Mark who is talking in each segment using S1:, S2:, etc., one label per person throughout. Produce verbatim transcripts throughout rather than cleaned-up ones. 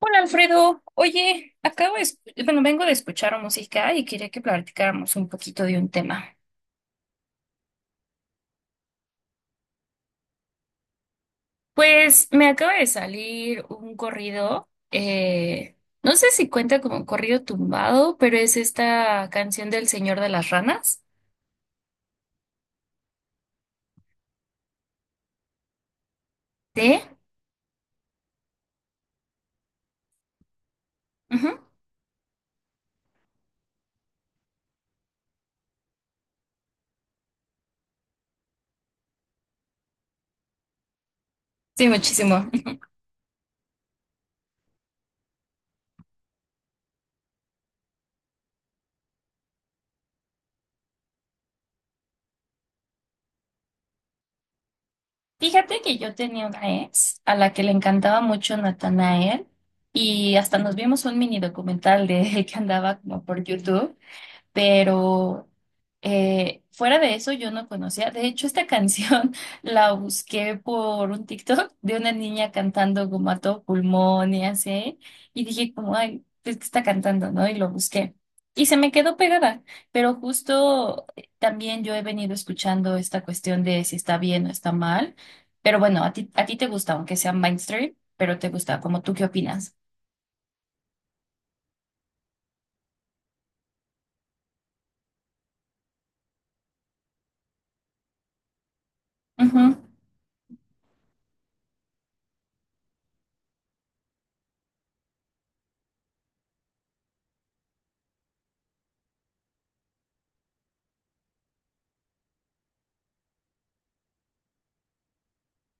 S1: Hola Alfredo, oye, acabo de, escu- bueno, vengo de escuchar música y quería que platicáramos un poquito de un tema. Pues me acaba de salir un corrido, eh, no sé si cuenta como corrido tumbado, pero es esta canción del Señor de las Ranas. ¿Sí? Ujú. Sí, muchísimo. Fíjate que yo tenía una ex a la que le encantaba mucho Natanael y hasta nos vimos un mini documental de él que andaba como por YouTube. Pero eh, fuera de eso yo no conocía. De hecho, esta canción la busqué por un TikTok de una niña cantando como a todo pulmón y así. Y dije como, ay, pues que está cantando, ¿no? Y lo busqué. Y se me quedó pegada. Pero justo eh, también yo he venido escuchando esta cuestión de si está bien o está mal. Pero bueno, a ti, a ti te gusta, aunque sea mainstream, pero te gusta. Como tú, ¿qué opinas? Ujú,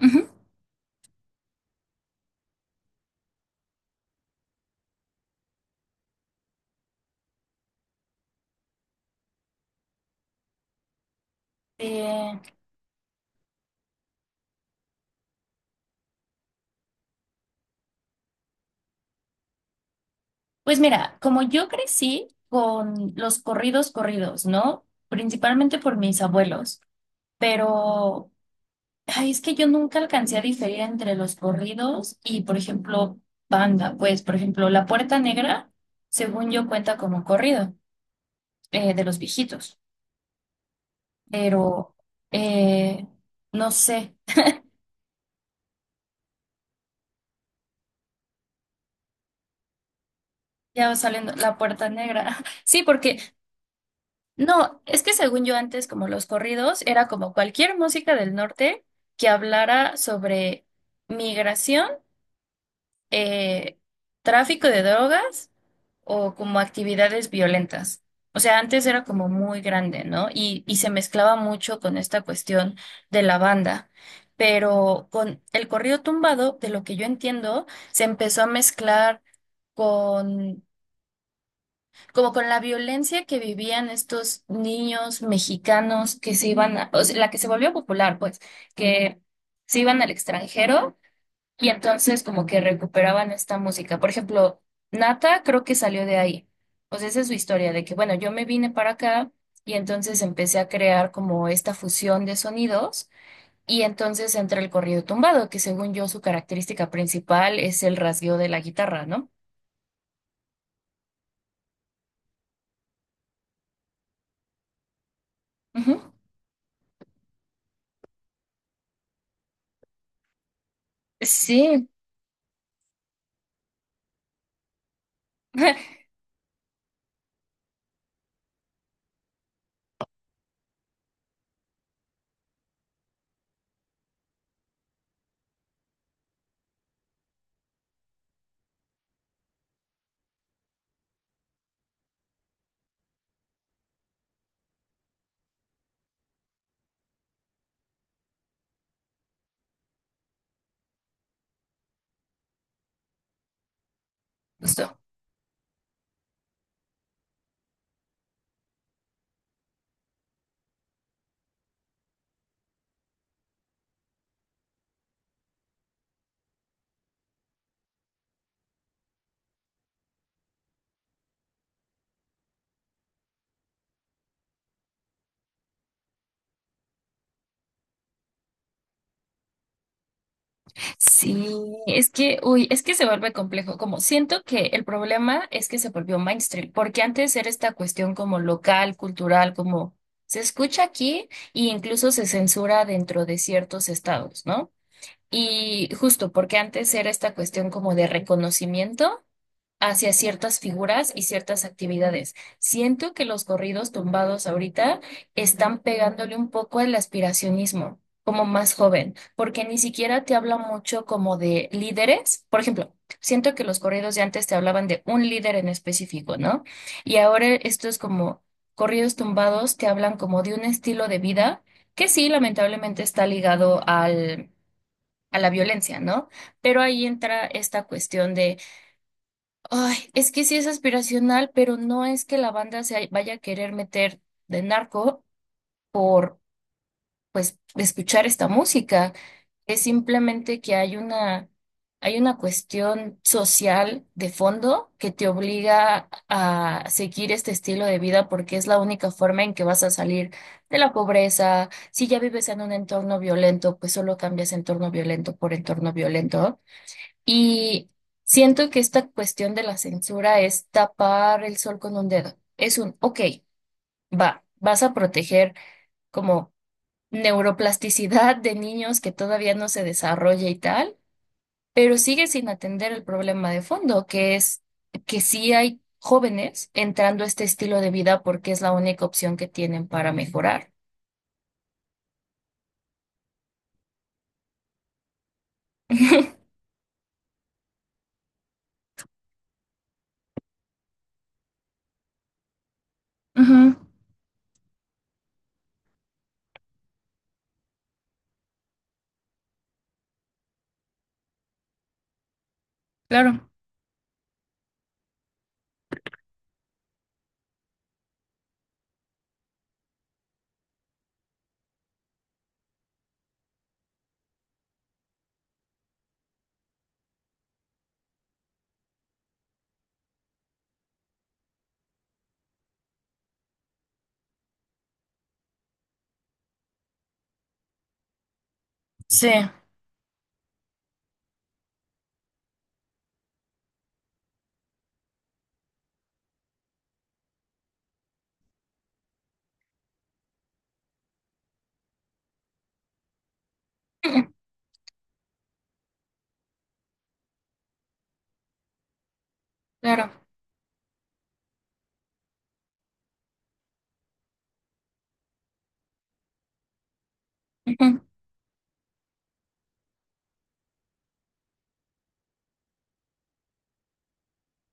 S1: ujú. Eh, Pues mira, como yo crecí con los corridos corridos, ¿no? Principalmente por mis abuelos, pero ay, es que yo nunca alcancé a diferir entre los corridos y, por ejemplo, banda. Pues, por ejemplo, La Puerta Negra, según yo, cuenta como corrido eh, de los viejitos, pero eh, no sé, ya va saliendo La Puerta Negra. Sí, porque no, es que según yo antes, como los corridos, era como cualquier música del norte que hablara sobre migración, eh, tráfico de drogas o como actividades violentas. O sea, antes era como muy grande, ¿no? Y, y se mezclaba mucho con esta cuestión de la banda. Pero con el corrido tumbado, de lo que yo entiendo, se empezó a mezclar con como con la violencia que vivían estos niños mexicanos que se iban, a- o sea, la que se volvió popular, pues, que se iban al extranjero y entonces como que recuperaban esta música. Por ejemplo, Nata creo que salió de ahí. O sea, esa es su historia de que, bueno, yo me vine para acá y entonces empecé a crear como esta fusión de sonidos y entonces entra el corrido tumbado, que según yo su característica principal es el rasgueo de la guitarra, ¿no? Ujú. Sí. Justo. Sí, es que, uy, es que se vuelve complejo. Como siento que el problema es que se volvió mainstream, porque antes era esta cuestión como local, cultural, como se escucha aquí e incluso se censura dentro de ciertos estados, ¿no? Y justo porque antes era esta cuestión como de reconocimiento hacia ciertas figuras y ciertas actividades. Siento que los corridos tumbados ahorita están pegándole un poco al aspiracionismo, como más joven, porque ni siquiera te habla mucho como de líderes. Por ejemplo, siento que los corridos de antes te hablaban de un líder en específico, ¿no? Y ahora estos como corridos tumbados te hablan como de un estilo de vida que sí, lamentablemente está ligado al, a la violencia, ¿no? Pero ahí entra esta cuestión de ay, es que sí es aspiracional, pero no es que la banda se vaya a querer meter de narco por, pues, escuchar esta música. Es simplemente que hay una, hay una cuestión social de fondo que te obliga a seguir este estilo de vida porque es la única forma en que vas a salir de la pobreza. Si ya vives en un entorno violento, pues solo cambias entorno violento por entorno violento. Y siento que esta cuestión de la censura es tapar el sol con un dedo. Es un, ok, va, vas a proteger como neuroplasticidad de niños que todavía no se desarrolla y tal, pero sigue sin atender el problema de fondo, que es que sí hay jóvenes entrando a este estilo de vida porque es la única opción que tienen para mejorar. Ujú, claro. Sí. Ujú, claro. Ujú,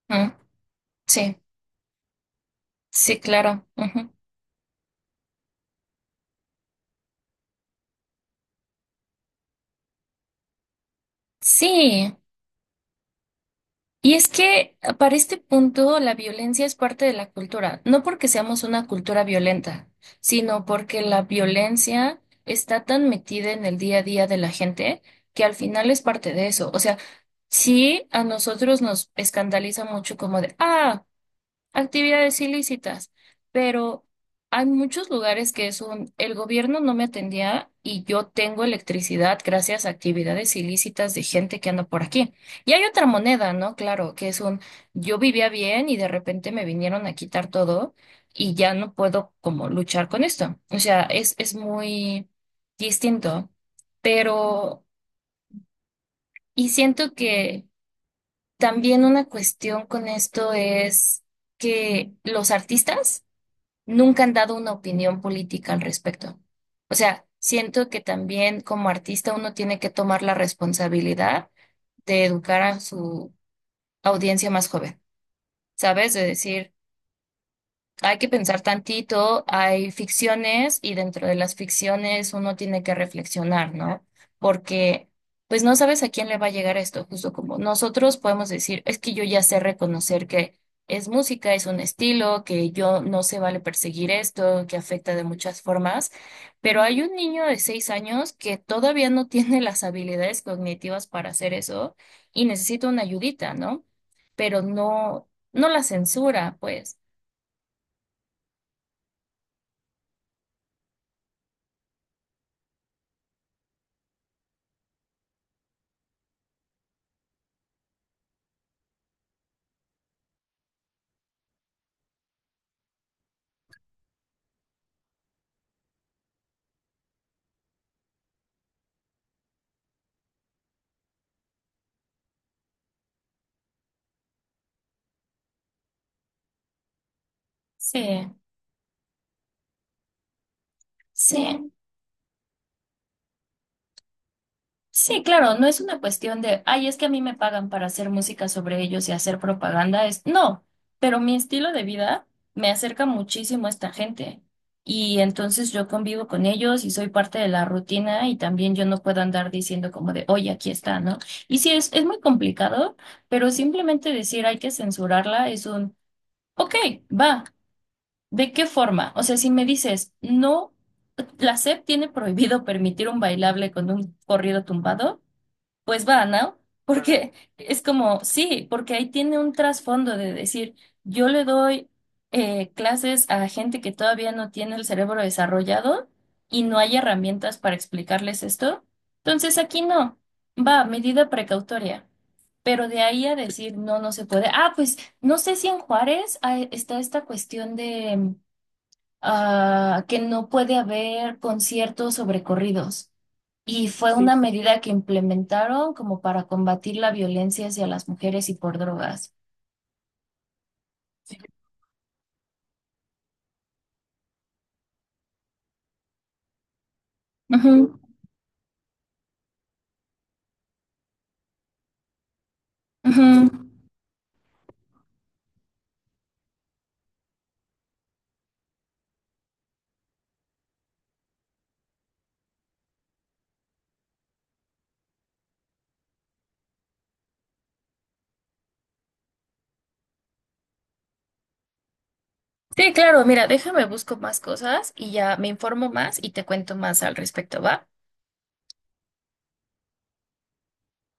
S1: ujú. Sí, sí, claro. Ujú. Sí. Y es que para este punto la violencia es parte de la cultura, no porque seamos una cultura violenta, sino porque la violencia está tan metida en el día a día de la gente que al final es parte de eso. O sea, sí a nosotros nos escandaliza mucho como de, ah, actividades ilícitas, pero hay muchos lugares que es un, el gobierno no me atendía y yo tengo electricidad gracias a actividades ilícitas de gente que anda por aquí. Y hay otra moneda, ¿no? Claro, que es un, yo vivía bien y de repente me vinieron a quitar todo y ya no puedo como luchar con esto. O sea, es, es muy distinto, pero, y siento que también una cuestión con esto es que los artistas nunca han dado una opinión política al respecto. O sea, siento que también como artista uno tiene que tomar la responsabilidad de educar a su audiencia más joven, ¿sabes? De decir, hay que pensar tantito, hay ficciones y dentro de las ficciones uno tiene que reflexionar, ¿no? Porque pues no sabes a quién le va a llegar esto, justo como nosotros podemos decir, es que yo ya sé reconocer que es música, es un estilo, que yo no se vale perseguir esto, que afecta de muchas formas, pero hay un niño de seis años que todavía no tiene las habilidades cognitivas para hacer eso y necesita una ayudita, ¿no? Pero no, no la censura, pues. Sí. Sí, sí, claro, no es una cuestión de, ay, es que a mí me pagan para hacer música sobre ellos y hacer propaganda, es, no, pero mi estilo de vida me acerca muchísimo a esta gente y entonces yo convivo con ellos y soy parte de la rutina y también yo no puedo andar diciendo como de, oye, aquí está, ¿no? Y sí, es, es muy complicado, pero simplemente decir hay que censurarla es un, ok, va. ¿De qué forma? O sea, si me dices, no, la SEP tiene prohibido permitir un bailable con un corrido tumbado, pues va, ¿no? Porque es como, sí, porque ahí tiene un trasfondo de decir, yo le doy eh, clases a gente que todavía no tiene el cerebro desarrollado y no hay herramientas para explicarles esto. Entonces aquí no, va, medida precautoria. Pero de ahí a decir, no, no se puede. Ah, pues no sé si en Juárez ah, está esta cuestión de ah, que no puede haber conciertos sobre corridos. Y fue Sí, una medida que implementaron como para combatir la violencia hacia las mujeres y por drogas. Ujú, ujú. Sí, claro, mira, déjame busco más cosas y ya me informo más y te cuento más al respecto, ¿va?